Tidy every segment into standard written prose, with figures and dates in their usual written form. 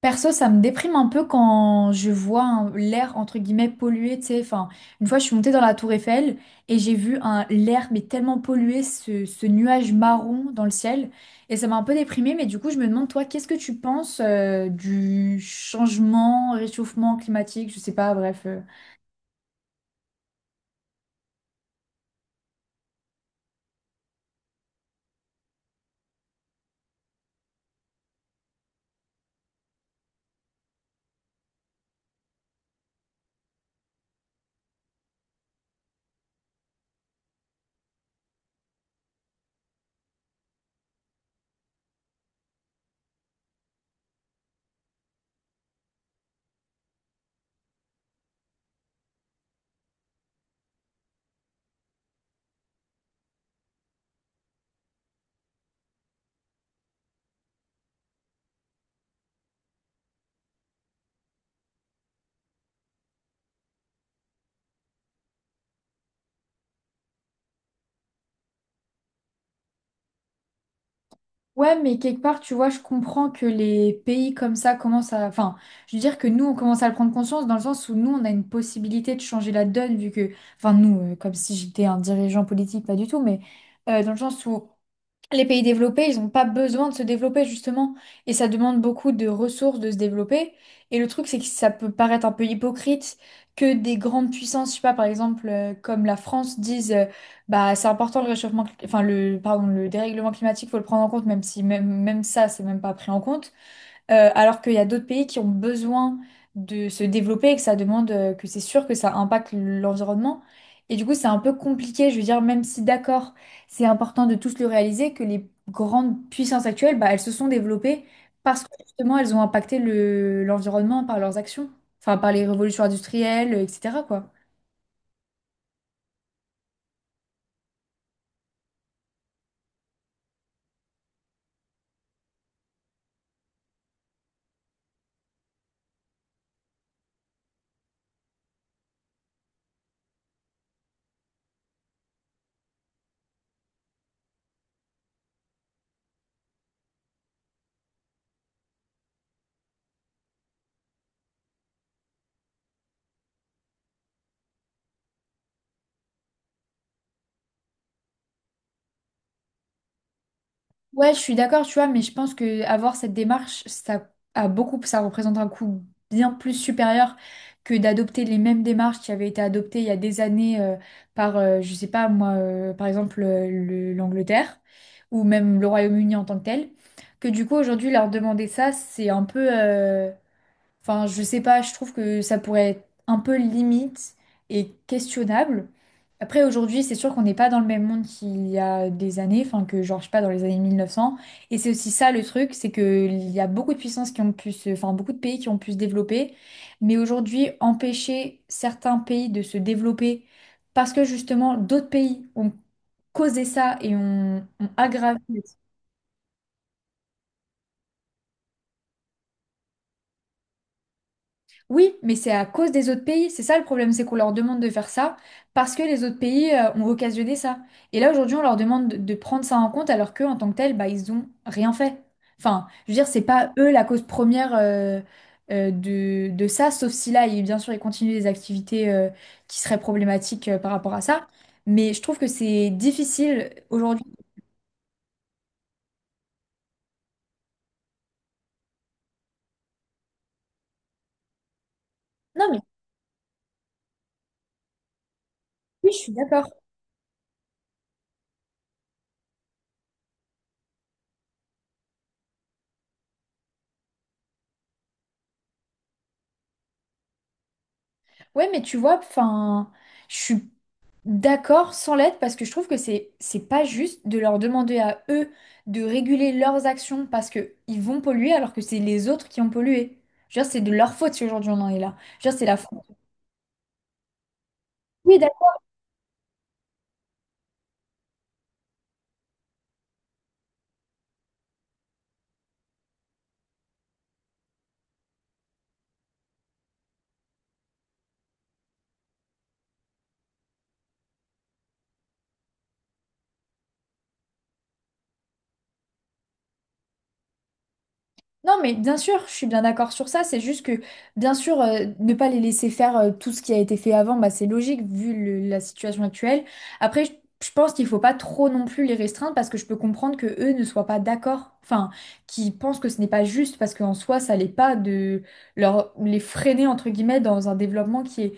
Perso, ça me déprime un peu quand je vois l'air entre guillemets pollué, tu sais. Enfin, une fois, je suis montée dans la tour Eiffel et j'ai vu un l'air mais tellement pollué, ce nuage marron dans le ciel. Et ça m'a un peu déprimée, mais du coup, je me demande, toi, qu'est-ce que tu penses du changement, réchauffement climatique, je sais pas, bref. Ouais, mais quelque part, tu vois, je comprends que les pays comme ça commencent à... Enfin, je veux dire que nous, on commence à le prendre conscience dans le sens où nous, on a une possibilité de changer la donne, vu que... Enfin, nous, comme si j'étais un dirigeant politique, pas du tout, mais dans le sens où... Les pays développés, ils n'ont pas besoin de se développer justement, et ça demande beaucoup de ressources de se développer. Et le truc, c'est que ça peut paraître un peu hypocrite que des grandes puissances, je sais pas, par exemple, comme la France, disent, bah c'est important le réchauffement, enfin le, pardon, le dérèglement climatique, faut le prendre en compte, même si même ça, c'est même pas pris en compte. Alors qu'il y a d'autres pays qui ont besoin de se développer et que ça demande, que c'est sûr que ça impacte l'environnement. Et du coup, c'est un peu compliqué, je veux dire, même si d'accord, c'est important de tous le réaliser, que les grandes puissances actuelles, bah, elles se sont développées parce que justement, elles ont impacté l'environnement par leurs actions, enfin par les révolutions industrielles, etc., quoi. Ouais, je suis d'accord, tu vois, mais je pense que avoir cette démarche, ça a beaucoup, ça représente un coût bien plus supérieur que d'adopter les mêmes démarches qui avaient été adoptées il y a des années, par, je sais pas moi, par exemple l'Angleterre ou même le Royaume-Uni en tant que tel. Que du coup aujourd'hui leur demander ça, c'est un peu, enfin, je sais pas, je trouve que ça pourrait être un peu limite et questionnable. Après, aujourd'hui, c'est sûr qu'on n'est pas dans le même monde qu'il y a des années, enfin que genre, je sais pas, dans les années 1900. Et c'est aussi ça le truc, c'est qu'il y a beaucoup de puissances qui ont pu se... enfin beaucoup de pays qui ont pu se développer. Mais aujourd'hui, empêcher certains pays de se développer parce que justement, d'autres pays ont causé ça et ont aggravé. Oui, mais c'est à cause des autres pays. C'est ça le problème, c'est qu'on leur demande de faire ça parce que les autres pays ont occasionné ça. Et là, aujourd'hui, on leur demande de prendre ça en compte alors qu'eux, en tant que tel, bah, ils ont rien fait. Enfin, je veux dire, c'est pas eux la cause première de ça, sauf si là, bien sûr, ils continuent des activités qui seraient problématiques par rapport à ça. Mais je trouve que c'est difficile aujourd'hui. Non, mais oui, je suis d'accord. Ouais, mais tu vois, enfin, je suis d'accord sans l'aide parce que je trouve que c'est pas juste de leur demander à eux de réguler leurs actions parce que ils vont polluer alors que c'est les autres qui ont pollué. Je veux dire, c'est de leur faute si aujourd'hui on en est là. Je veux dire, c'est la faute. Non, mais bien sûr, je suis bien d'accord sur ça. C'est juste que, bien sûr, ne pas les laisser faire tout ce qui a été fait avant, bah, c'est logique vu la situation actuelle. Après, je pense qu'il faut pas trop non plus les restreindre parce que je peux comprendre que eux ne soient pas d'accord, enfin, qu'ils pensent que ce n'est pas juste parce qu'en soi, ça l'est pas de leur les freiner entre guillemets dans un développement qui est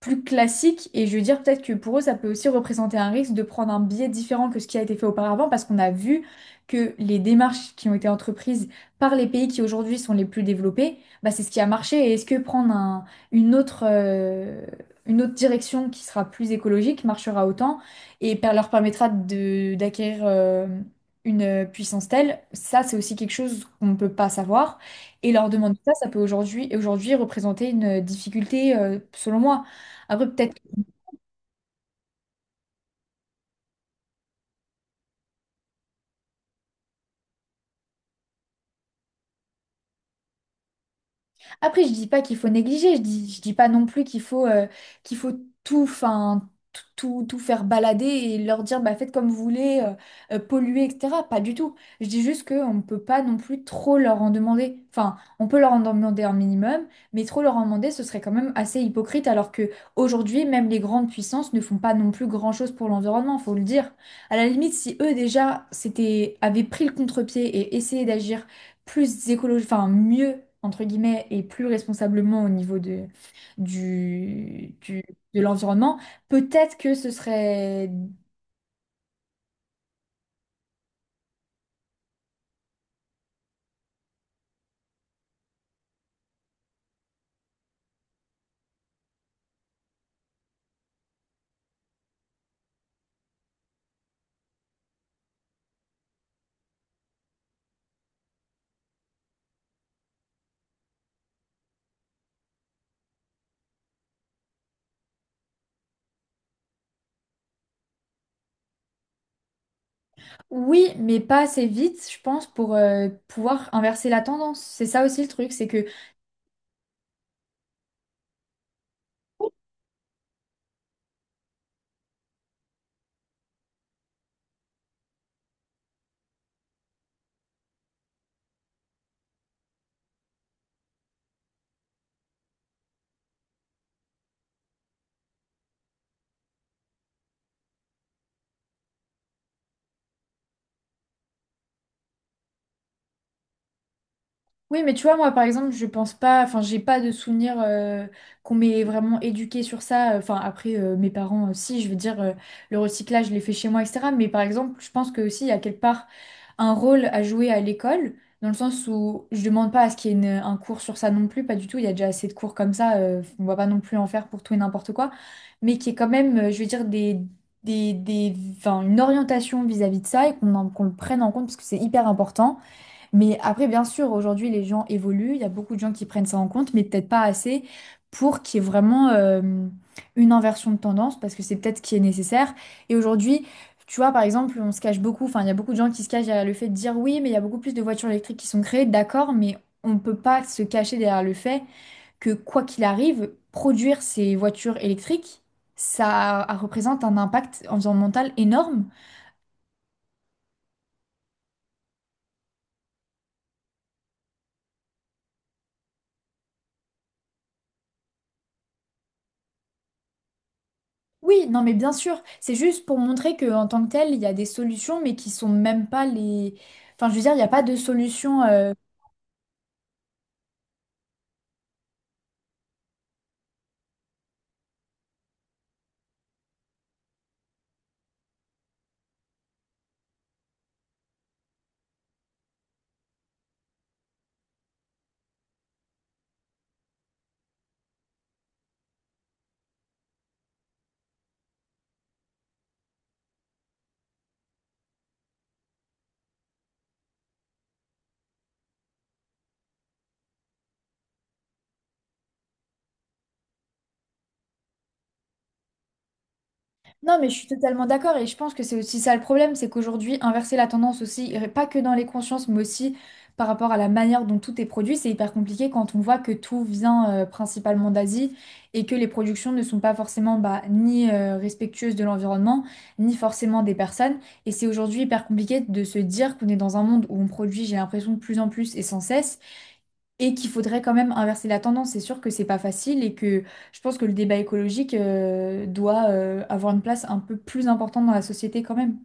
plus classique et je veux dire peut-être que pour eux ça peut aussi représenter un risque de prendre un biais différent que ce qui a été fait auparavant parce qu'on a vu que les démarches qui ont été entreprises par les pays qui aujourd'hui sont les plus développés, bah c'est ce qui a marché et est-ce que prendre une autre, euh, une autre direction qui sera plus écologique marchera autant et leur permettra d'acquérir une puissance telle, ça c'est aussi quelque chose qu'on ne peut pas savoir et leur demander ça, ça peut aujourd'hui représenter une difficulté selon moi. Après, peut-être. Après, je dis pas qu'il faut négliger, je dis pas non plus qu'il faut tout, enfin, tout faire balader et leur dire, bah, faites comme vous voulez, polluer, etc. Pas du tout. Je dis juste qu'on ne peut pas non plus trop leur en demander. Enfin, on peut leur en demander un minimum, mais trop leur en demander, ce serait quand même assez hypocrite, alors que aujourd'hui, même les grandes puissances ne font pas non plus grand-chose pour l'environnement, faut le dire. À la limite, si eux déjà s'étaient, avaient pris le contre-pied et essayé d'agir plus écologique, enfin mieux, entre guillemets, et plus responsablement au niveau du, du- de l'environnement, peut-être que ce serait oui, mais pas assez vite, je pense, pour pouvoir inverser la tendance. C'est ça aussi le truc, c'est que oui, mais tu vois, moi, par exemple, je pense pas, enfin, j'ai pas de souvenir qu'on m'ait vraiment éduqué sur ça. Enfin, après, mes parents aussi, je veux dire, le recyclage, je l'ai fait chez moi, etc. Mais par exemple, je pense que aussi, à quelque part un rôle à jouer à l'école, dans le sens où je demande pas à ce qu'il y ait un cours sur ça non plus, pas du tout, il y a déjà assez de cours comme ça, on va pas non plus en faire pour tout et n'importe quoi, mais qui est quand même, je veux dire, des, enfin, une orientation vis-à-vis de ça et qu'on le prenne en compte parce que c'est hyper important. Mais après, bien sûr, aujourd'hui, les gens évoluent, il y a beaucoup de gens qui prennent ça en compte, mais peut-être pas assez pour qu'il y ait vraiment une inversion de tendance, parce que c'est peut-être ce qui est nécessaire. Et aujourd'hui, tu vois, par exemple, on se cache beaucoup, enfin, il y a beaucoup de gens qui se cachent derrière le fait de dire oui, mais il y a beaucoup plus de voitures électriques qui sont créées, d'accord, mais on ne peut pas se cacher derrière le fait que, quoi qu'il arrive, produire ces voitures électriques, ça représente un impact environnemental énorme. Oui, non, mais bien sûr, c'est juste pour montrer que en tant que tel, il y a des solutions, mais qui sont même pas les. Enfin, je veux dire, il n'y a pas de solution . Non, mais je suis totalement d'accord et je pense que c'est aussi ça le problème, c'est qu'aujourd'hui, inverser la tendance aussi, et pas que dans les consciences, mais aussi par rapport à la manière dont tout est produit, c'est hyper compliqué quand on voit que tout vient principalement d'Asie et que les productions ne sont pas forcément bah, ni respectueuses de l'environnement, ni forcément des personnes. Et c'est aujourd'hui hyper compliqué de se dire qu'on est dans un monde où on produit, j'ai l'impression, de plus en plus et sans cesse et qu'il faudrait quand même inverser la tendance. C'est sûr que c'est pas facile et que je pense que le débat écologique doit avoir une place un peu plus importante dans la société quand même.